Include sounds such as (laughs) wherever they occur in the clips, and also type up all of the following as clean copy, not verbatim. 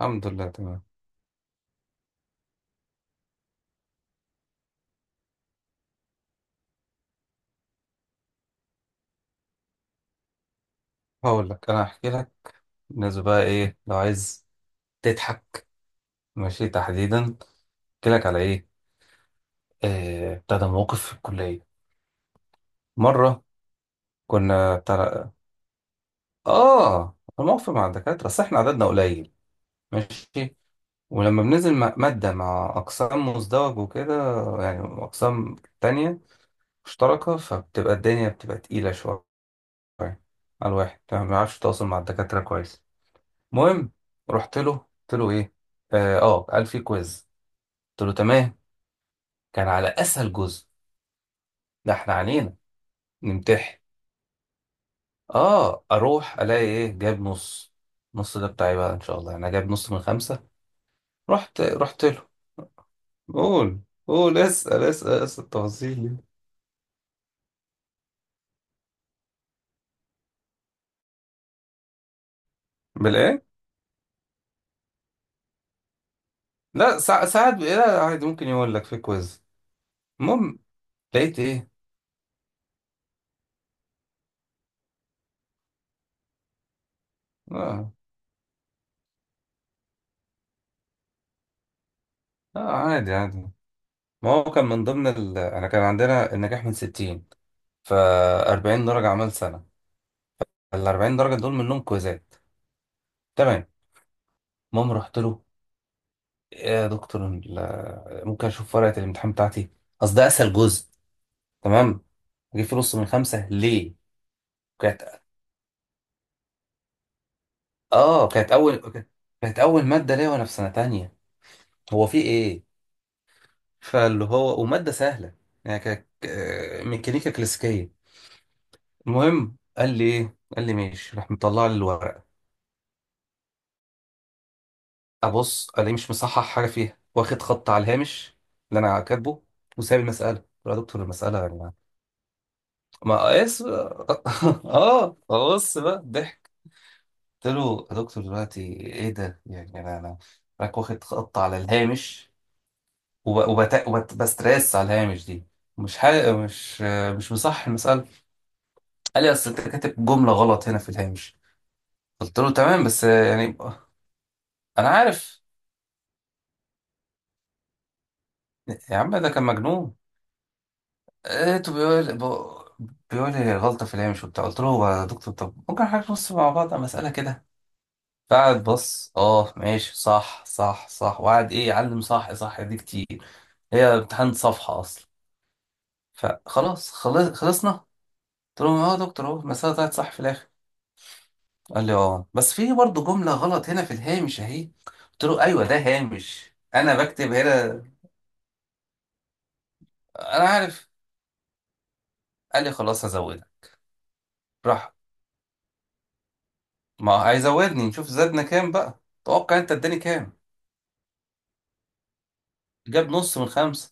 الحمد لله تمام. هقول لك، انا هحكي لك بالنسبه بقى ايه لو عايز تضحك. ماشي، تحديدا احكي لك على ايه؟ بتاع ده موقف في الكليه مره. كنا بتاع اه الموقف مع الدكاتره، بس احنا عددنا قليل. ماشي. ولما بننزل ماده مع اقسام مزدوج وكده، يعني اقسام تانية مشتركه، فبتبقى الدنيا تقيله شويه على الواحد، ما بيعرفش يتواصل مع الدكاتره كويس. المهم رحت له قلت له ايه. قال في كويز. قلت له تمام. كان على اسهل جزء ده احنا علينا نمتحن. اه اروح الاقي ايه؟ جاب نص. نص ده بتاعي بقى ان شاء الله، يعني انا جاب نص من خمسة. رحت له، قول قول اسال التفاصيل دي بالايه؟ لا، ساعات بقى لا، عادي ممكن يقول لك في كويز. المهم لقيت ايه. اه, عادي عادي. ما هو كان من ضمن انا كان عندنا النجاح من 60، ف 40 درجة عمل سنة، ال 40 درجه دول منهم كويزات. تمام. المهم رحت له، إيه يا دكتور ممكن اشوف ورقه الامتحان بتاعتي؟ اصل ده اسهل جزء. تمام. جيب فيه نص من خمسه ليه؟ كانت كانت كانت اول ماده ليا وانا في سنه تانية. هو في ايه، فاللي هو وماده سهله، يعني كانت ميكانيكا كلاسيكيه. المهم قال لي ايه، قال لي ماشي، راح مطلع لي الورقه. ابص الاقيه مش مصحح حاجه فيها، واخد خط على الهامش اللي انا كاتبه، وسايب المساله. قلت له يا دكتور، المساله يعني ما اس (laughs) اه فبص بقى ضحك. قلت له يا دكتور دلوقتي ايه ده، يعني انا راك واخد خط على الهامش وب- وبت... وبستريس على الهامش دي، مش حاجة مش مصح المسألة. قال لي اصل انت كاتب جملة غلط هنا في الهامش. قلت له تمام، بس يعني انا عارف. يا عم ده كان مجنون. لقيته بيقول لي غلطة في الهامش وبتاع. قلت له يا دكتور، طب ممكن حضرتك نص مع بعض على مسألة كده؟ قاعد بص، اه ماشي، صح صح صح، وقعد ايه يعلم صح صح دي كتير. هي امتحان صفحة اصلا. فخلاص خلصنا، قلت لهم اه يا دكتور اهو المسألة طلعت صح في الاخر. قال لي اه، بس في برضه جملة غلط هنا في الهامش اهي. قلت له ايوه، ده هامش، انا بكتب هنا. انا عارف. قال لي خلاص هزودها. راح. ما هيزودني، نشوف زادنا كام بقى. توقع انت اداني كام. جاب نص من خمسة.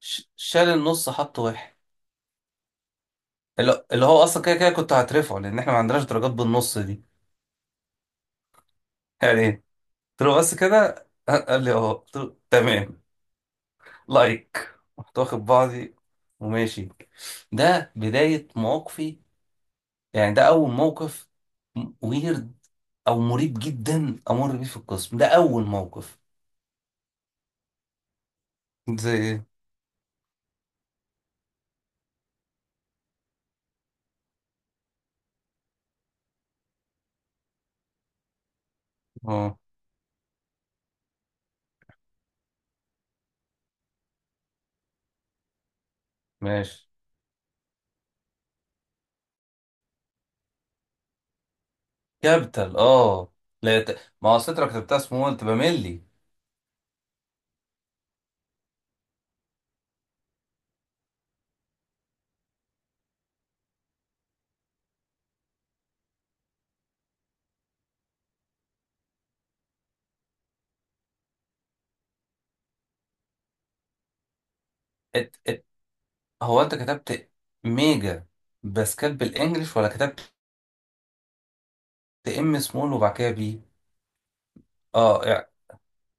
شال النص حط واحد. اللي هو اصلا كده كده كنت هترفعه، لان احنا ما عندناش درجات بالنص دي، يعني ايه. قلت له بس كده، قال لي اه، قلت له تمام. لايك. رحت واخد بعضي وماشي. ده بداية مواقفي، يعني ده اول موقف ويرد، او مريب جدا امر بيه في القسم، ده اول موقف. زي ايه؟ اه ماشي. كابيتال، لا ما هو أصل انت لو كتبتها سمول تبقى ملي. ات... ات... هو انت كتبت ميجا باسكال بالانجلش ولا كتبت؟ ده ام سمول وبعد كده بي؟ اه يعني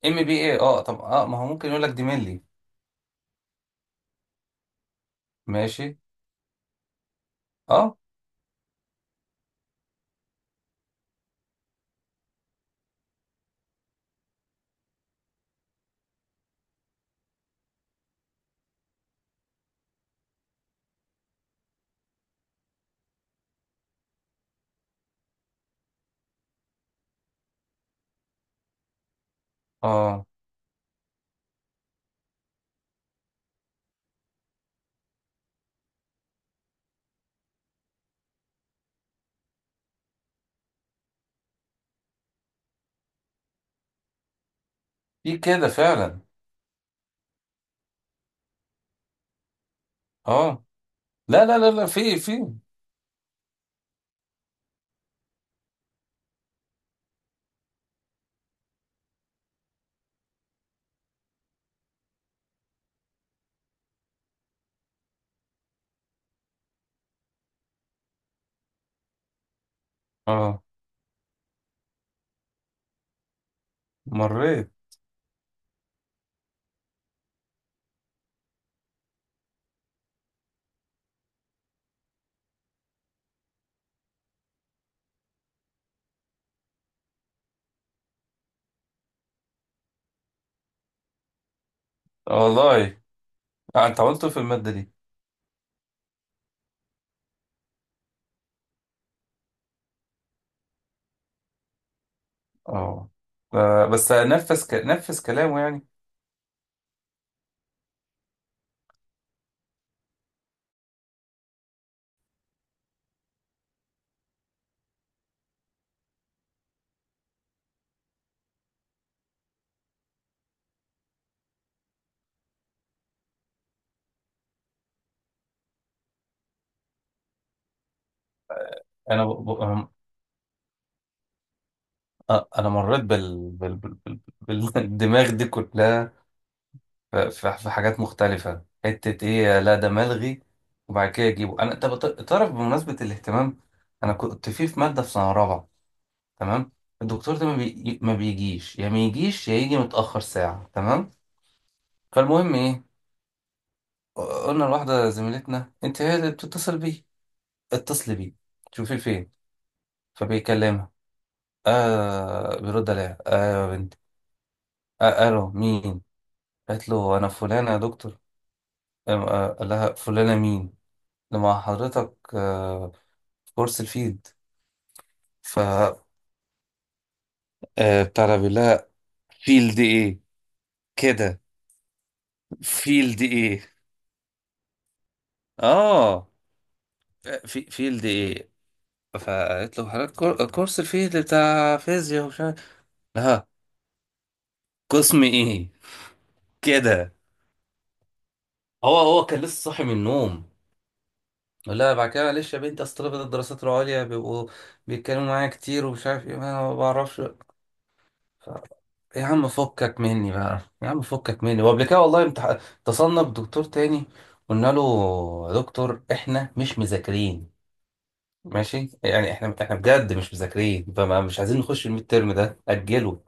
ام بي ايه. اه طب ما هو ممكن يقول لك دي ملي. ماشي. اه اه في كده فعلا. اه لا لا لا لا في. اه مريت. والله. انت عملته في المادة دي. اه بس نفذ نفذ كلامه يعني. انا انا مريت (laughs) بالدماغ دي كلها. في حاجات مختلفة، حتة ايه، لا ده ملغي. وبعد كده يجيبه. انا طب تعرف بمناسبة الاهتمام، انا كنت في مادة في سنة رابعة. تمام. الدكتور ده ما بيجيش، يا ما يجيش يا يجي متأخر ساعة. تمام. فالمهم ايه. قلنا لواحدة زميلتنا انت هي اللي بتتصل بيه، اتصلي بيه شوفي فين. فبيكلمها. بيرد عليها، آه يا بنت، آه الو مين. قالت له انا فلانة يا دكتور. قال لها فلانة مين؟ لما حضرتك كورس الفيلد. ف بتاع ده بيقول لها فيلد ايه كده، فيلد ايه، اه في فيلد ايه. فقالت له حضرتك كورس الفيلد بتاع فيزياء، ومش عارف ها قسم ايه كده. هو كان لسه صاحي من النوم. لا بعد كده معلش يا بنتي، اصل طلبة الدراسات العليا بيبقوا بيتكلموا معايا كتير ومش عارف ايه، ما أنا ما بعرفش. يا عم فكك مني بقى، يا عم فكك مني. وقبل كده والله اتصلنا بدكتور تاني. قلنا له يا دكتور احنا مش مذاكرين، ماشي يعني، احنا بجد مش مذاكرين، فما مش عايزين نخش الميد ترم ده، اجله.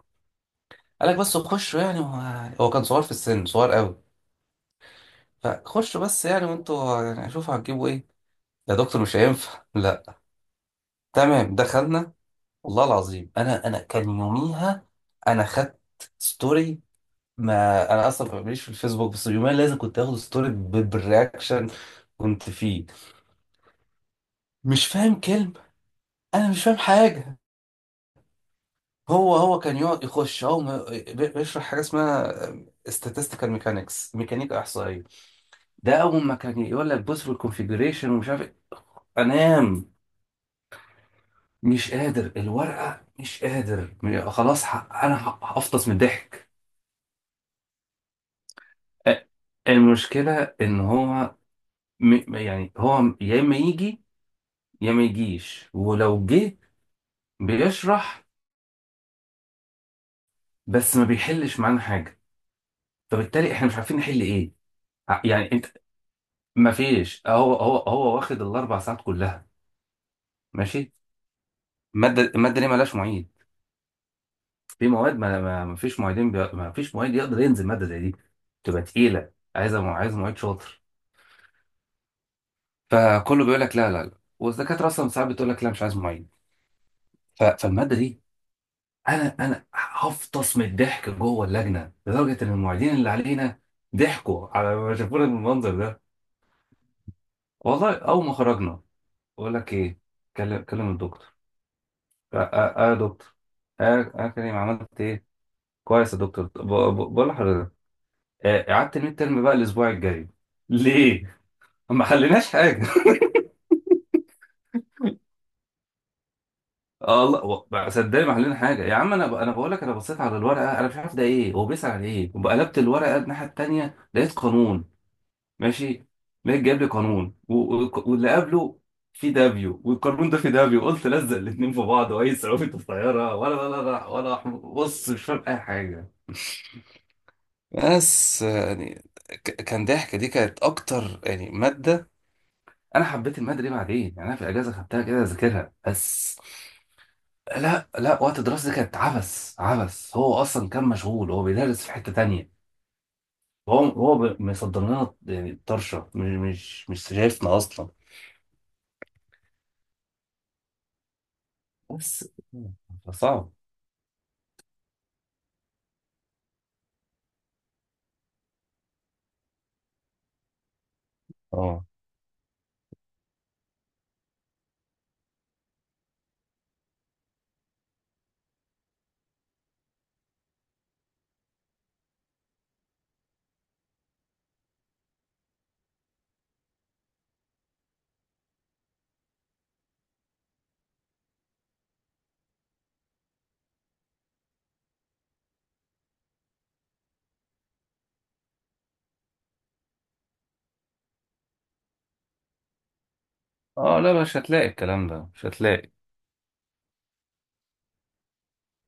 قال لك بس خشوا يعني. هو كان صغير في السن، صغير قوي. فخشوا بس يعني، وانتوا يعني شوفوا هتجيبوا ايه. يا دكتور مش هينفع (laughs) لا. تمام، دخلنا والله العظيم. انا كان يوميها انا خدت ستوري. ما انا اصلا ماليش في الفيسبوك، بس اليومين لازم كنت اخد ستوري بالرياكشن. كنت فيه مش فاهم كلمه، انا مش فاهم حاجه. هو كان يقعد يخش، هو بيشرح حاجه اسمها statistical mechanics، ميكانيكا احصائيه. ده اول ما كان يقول لك بص في الكونفيجريشن ومش عارف إيه، انام مش قادر، الورقه مش قادر خلاص، انا هفطس من الضحك. أ- المشكله ان هو يعني هو يا اما يجي يا ما يجيش، ولو جه بيشرح بس ما بيحلش معانا حاجه. فبالتالي احنا مش عارفين نحل ايه. يعني انت ما فيش. هو واخد الاربع ساعات كلها. ماشي. الماده دي مالهاش معيد. في مواد ما فيش معيدين، ما فيش معيد يقدر ينزل ماده زي دي، تبقى تقيله، عايزه عايز معيد شاطر. فكله بيقول لك لا لا لا، والدكاتره اصلا ساعات بتقول لك لا مش عايز معيد. فالماده دي انا هفطس من الضحك جوه اللجنه، لدرجه ان المعيدين اللي علينا ضحكوا على ما شافونا بالمنظر ده. والله اول ما خرجنا بقول لك ايه، كلم الدكتور. يا دكتور، اه كريم عملت ايه. كويس يا دكتور، بقول لحضرتك اعدت الميد ترم بقى الاسبوع الجاي. ليه؟ (laughs) ما حليناش حاجه. (laughs) اه والله بقى صدقني ما حلينا حاجه يا عم. انا انا بقول لك، انا بصيت على الورقه انا مش عارف ده ايه، هو بيسأل على ايه. وقلبت الورقه الناحيه التانيه لقيت قانون، ماشي. لقيت جايب لي قانون واللي قبله في دافيو، والقانون ده في دافيو، قلت لزق الاتنين في بعض، واي صعوبة الطيارة، ولا ولا ولا ولا بص مش فاهم اي حاجة. بس يعني كان ضحك. دي كانت اكتر يعني ماده. انا حبيت الماده دي بعدين يعني، انا في الاجازه خدتها كده اذاكرها بس. لا لا، وقت الدراسه دي كانت عبث عبث. هو اصلا كان مشغول، هو بيدرس في حته تانية. هو مصدر لنا يعني طرشه، مش شايفنا اصلا. بس صعب. اه اه لا مش هتلاقي الكلام ده، مش هتلاقي